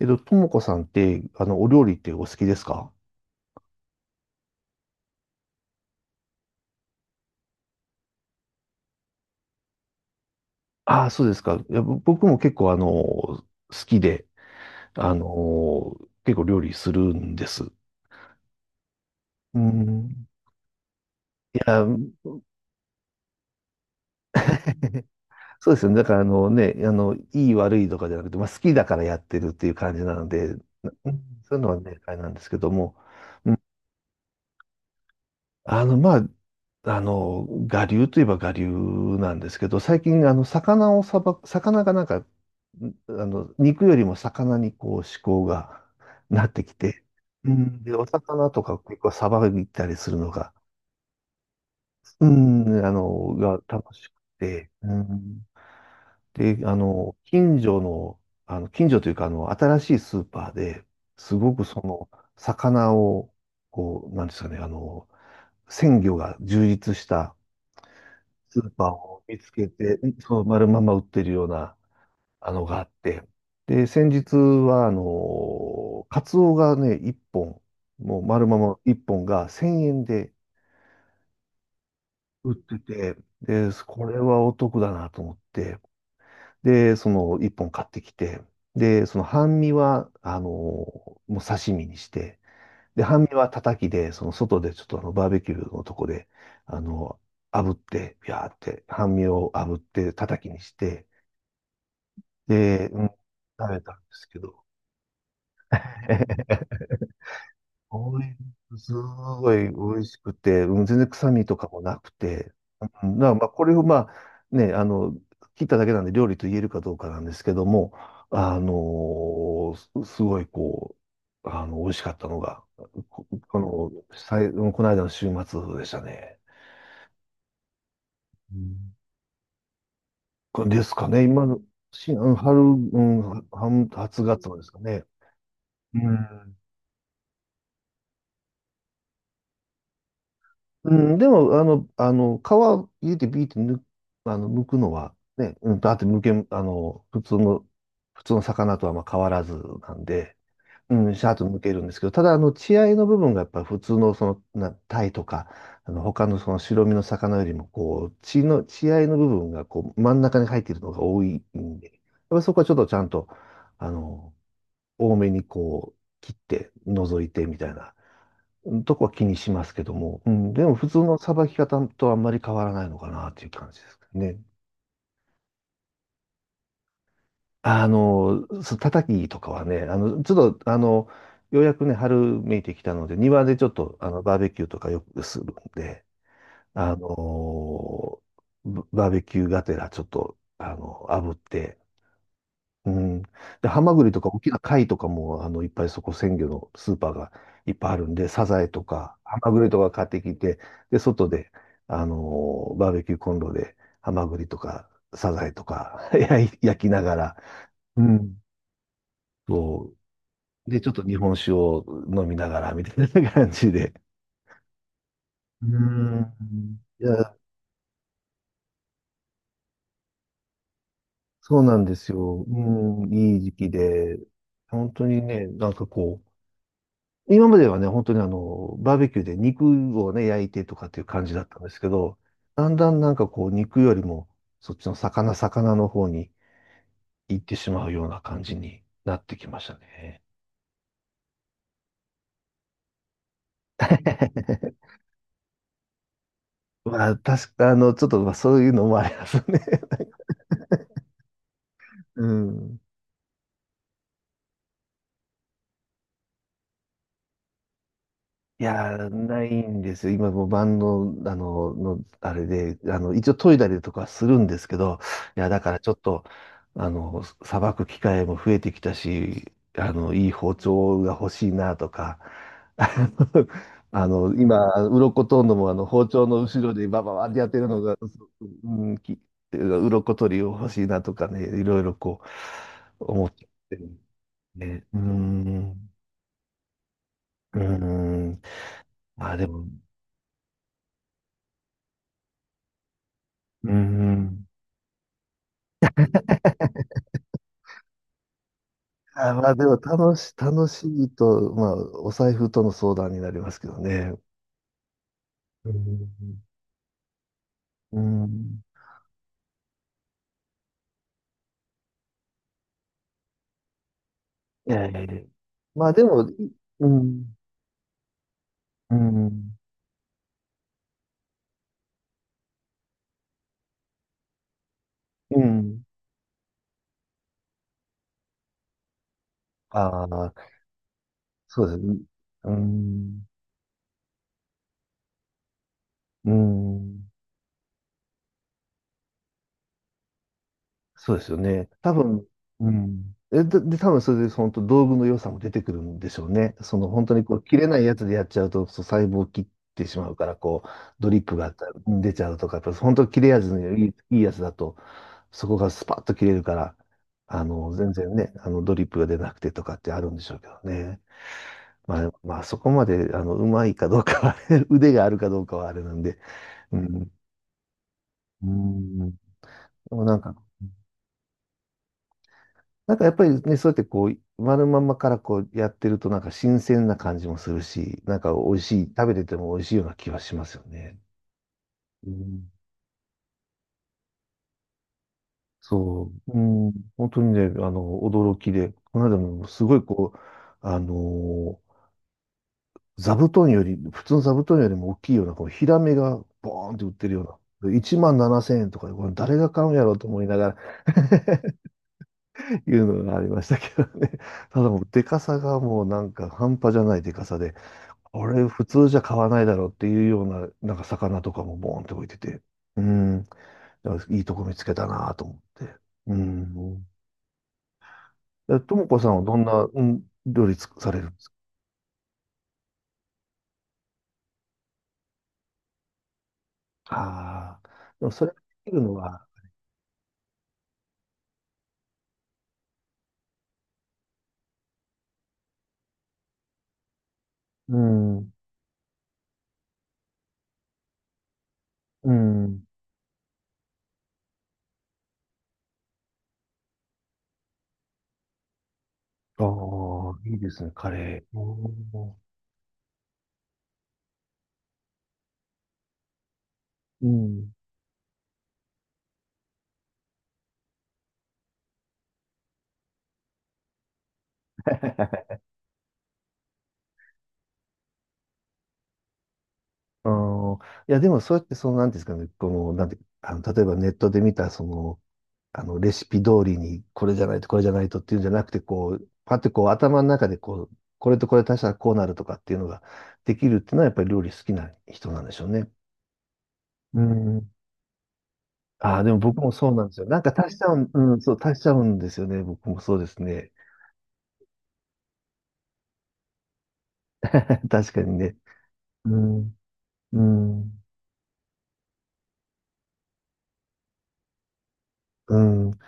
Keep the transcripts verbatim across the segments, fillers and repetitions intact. えっと、ともこさんって、あの、お料理ってお好きですか？ああ、そうですか。いや、ぼ僕も結構、あの、好きで、あの、結構料理するんです。うん。いや、そうですよね。だから、あのね、あの、いい悪いとかじゃなくて、まあ、好きだからやってるっていう感じなので、うんそういうのはね、あれなんですけども、うあの、まあ、あの、我流といえば我流なんですけど、最近、あの、魚をさば、魚がなんか、んあの、肉よりも魚にこう思考が なってきて、うん、で、お魚とか結構さばいたりするのが、うん、あの、が楽しくて、うん、で、あの、近所の、あの、近所というか、あの、新しいスーパーで、すごくその、魚を、こう、なんですかね、あの、鮮魚が充実した、スーパーを見つけて、そう、丸まんま売ってるような、あのがあって。で、先日は、あの、カツオがね、いっぽん、もう丸まんまいっぽんがせんえんで売ってて、で、これはお得だなと思って、で、そのいっぽん買ってきて、で、その半身は、あの、もう刺身にして、で、半身はたたきで、その外でちょっとあの、バーベキューのとこで、あの、炙って、ビャーって、半身を炙って、たたきにして、で、うん、食べたんですけど、おい、すごい美味しくて、うん、全然臭みとかもなくて、うんだからまあこれをまあ、ね、あの、切っただけなんで料理と言えるかどうかなんですけども、あのーすすごいこう、あの、美味しかったのが、こ、この、さい、この間の週末でしたね。うんこれですかね、今の、し、うん春、うん、は初月までですかね。うんうん、でも、あの、あの、皮入れてビーって抜あの、剥くのは、ね、うん、だって剥け、あの、普通の、普通の魚とはまあ変わらずなんで、うん、シャーッと剥けるんですけど、ただ、あの、血合いの部分がやっぱり普通の、その、な、タイとか、あの、他のその白身の魚よりも、こう、血の、血合いの部分が、こう、真ん中に入っているのが多いんで、やっぱりそこはちょっとちゃんと、あの、多めにこう、切って、除いてみたいな。とこは気にしますけども、うん、でも普通のさばき方とあんまり変わらないのかなっていう感じですね。あの、そう叩きとかはね、あの、ちょっと、あの、ようやくね、春めいてきたので、庭でちょっと、あの、バーベキューとかよくするんで、あの、ババーベキューがてらちょっと、あの、炙って、うん。で、ハマグリとか大きな貝とかも、あの、いっぱいそこ鮮魚のスーパーがいっぱいあるんで、サザエとか、ハマグリとか買ってきて、で、外で、あのーバーベキューコンロで、ハマグリとか、サザエとか 焼い焼きながら、うん。そう。で、ちょっと日本酒を飲みながら、みたいな感じで。うん。いや、そうなんですよ。うん、いい時期で、本当にね、なんかこう、今まではね、本当にあの、バーベキューで肉をね、焼いてとかっていう感じだったんですけど、だんだんなんかこう、肉よりも、そっちの魚、魚の方に行ってしまうような感じになってきましたね。まあ、確か、あの、ちょっと、まあ、そういうのもありますね。うん。いやー、ないんですよ。今もうバンド、あの、の、あれで、あの、一応研いだりとかするんですけど、いや、だからちょっと、あの、さばく機会も増えてきたし、あの、いい包丁が欲しいなとか、あの、あの今、鱗取るのも、あの、包丁の後ろでバババってやってるのが、うん、き、鱗取りを欲しいなとかね、いろいろこう、思ってるんで、ね。うん、うん。まあでも、うん。あ、まあでも楽し、楽しいと、まあお財布との相談になりますけどね。うん。うん。いやいやいや。まあでも、いうん、うん、うん。ああ、そうですね。うん、うん。そうですよね。多分、うん。えで、で、多分それで本当道具の良さも出てくるんでしょうね。その本当にこう切れないやつでやっちゃうと、そう細胞を切ってしまうから、こうドリップが出ちゃうとか、やっぱ本当切れ味のいい、いいやつだと、そこがスパッと切れるから、あの、全然ね、あのドリップが出なくてとかってあるんでしょうけどね。まあ、まあ、そこまで、あの、うまいかどうかは 腕があるかどうかはあれなんで。うん。うん。でもなんか、なんかやっぱりね、そうやってこう、丸まんまからこうやってるとなんか新鮮な感じもするし、なんか美味しい、食べてても美味しいような気はしますよね。うん、そううん、本当にね、あの、驚きで、この間もすごいこう、あのー座布団より、普通の座布団よりも大きいような、このヒラメがボーンって売ってるような、いちまんななせんえんとかで、これ誰が買うんやろうと思いながら いうのがありましたけどね。ただもう、でかさがもうなんか半端じゃないでかさで、あれ普通じゃ買わないだろうっていうような、なんか魚とかもボーンって置いてて、うん、だからいいとこ見つけたなと思って。うん。でともこさんはどんな、うん、料理つされるんですか？ああー、でもそれができるのは、うん、うん。ああ、いいですね、カレー。おーうん。ああ、いや、でもそうやって、その、なんていうんですかね、この、なんて、あの、例えばネットで見た、その、あの、レシピ通りに、これじゃないと、これじゃないとっていうんじゃなくて、こう、パッてこう、頭の中でこう、これとこれ足したらこうなるとかっていうのができるっていうのは、やっぱり料理好きな人なんでしょうね。うん。ああ、でも僕もそうなんですよ。なんか足しちゃうん、うん、そう、足しちゃうんですよね。僕もそうですね。確かにね。うん、うん、うん、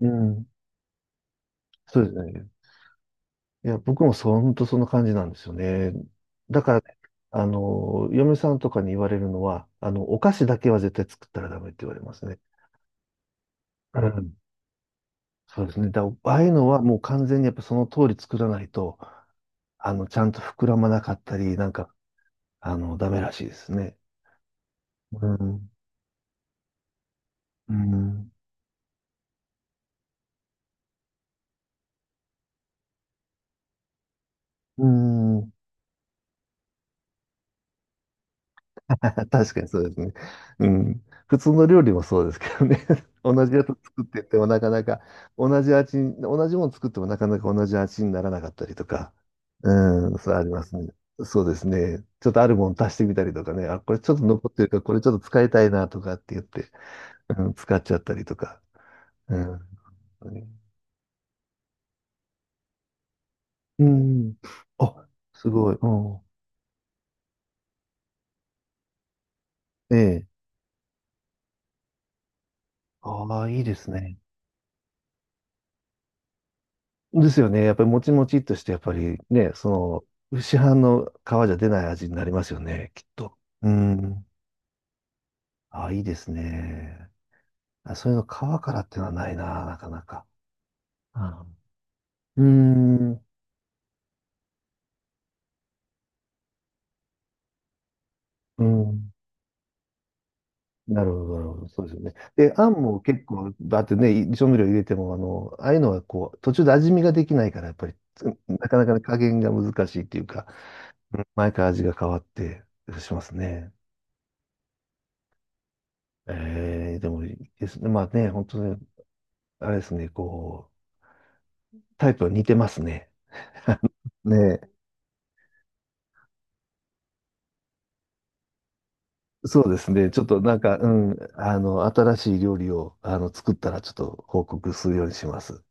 うん。そうですね。いや、僕もそう、本当そんな感じなんですよね。だからね、あの、嫁さんとかに言われるのは、あの、お菓子だけは絶対作ったらダメって言われますね。うん。そうですね。だ、ああいうのはもう完全にやっぱその通り作らないと、あの、ちゃんと膨らまなかったり、なんか、あの、ダメらしいですね。うん。うん。うん。確かにそうですね。うん。普通の料理もそうですけどね。同じやつ作っててもなかなか同じ味に、同じもの作ってもなかなか同じ味にならなかったりとか。うん、そうありますね。そうですね。ちょっとあるもの足してみたりとかね。あ、これちょっと残ってるから、これちょっと使いたいなとかって言って、うん、使っちゃったりとか。うん。本当にうん。あ、すごい。うん。ええ。ああ、いいですね。ですよね。やっぱりもちもちっとして、やっぱりね、その、市販の皮じゃ出ない味になりますよね、きっと。うん。あ、いいですね。あ、そういうの皮からってのはないな、なかなか。あうーん。うん。なるほど、なるほど。そうですよね。で、あんも結構、だってね、調味料入れても、あの、ああいうのはこう、途中で味見ができないから、やっぱり、つなかなかね、加減が難しいっていうか、うん毎回味が変わってしますね。ええでもいいですね。まあね、本当にあれですね、こう、タイプ似てますね。ねえ。そうですね。ちょっとなんか、うん、あの、新しい料理を、あの、作ったら、ちょっと報告するようにします。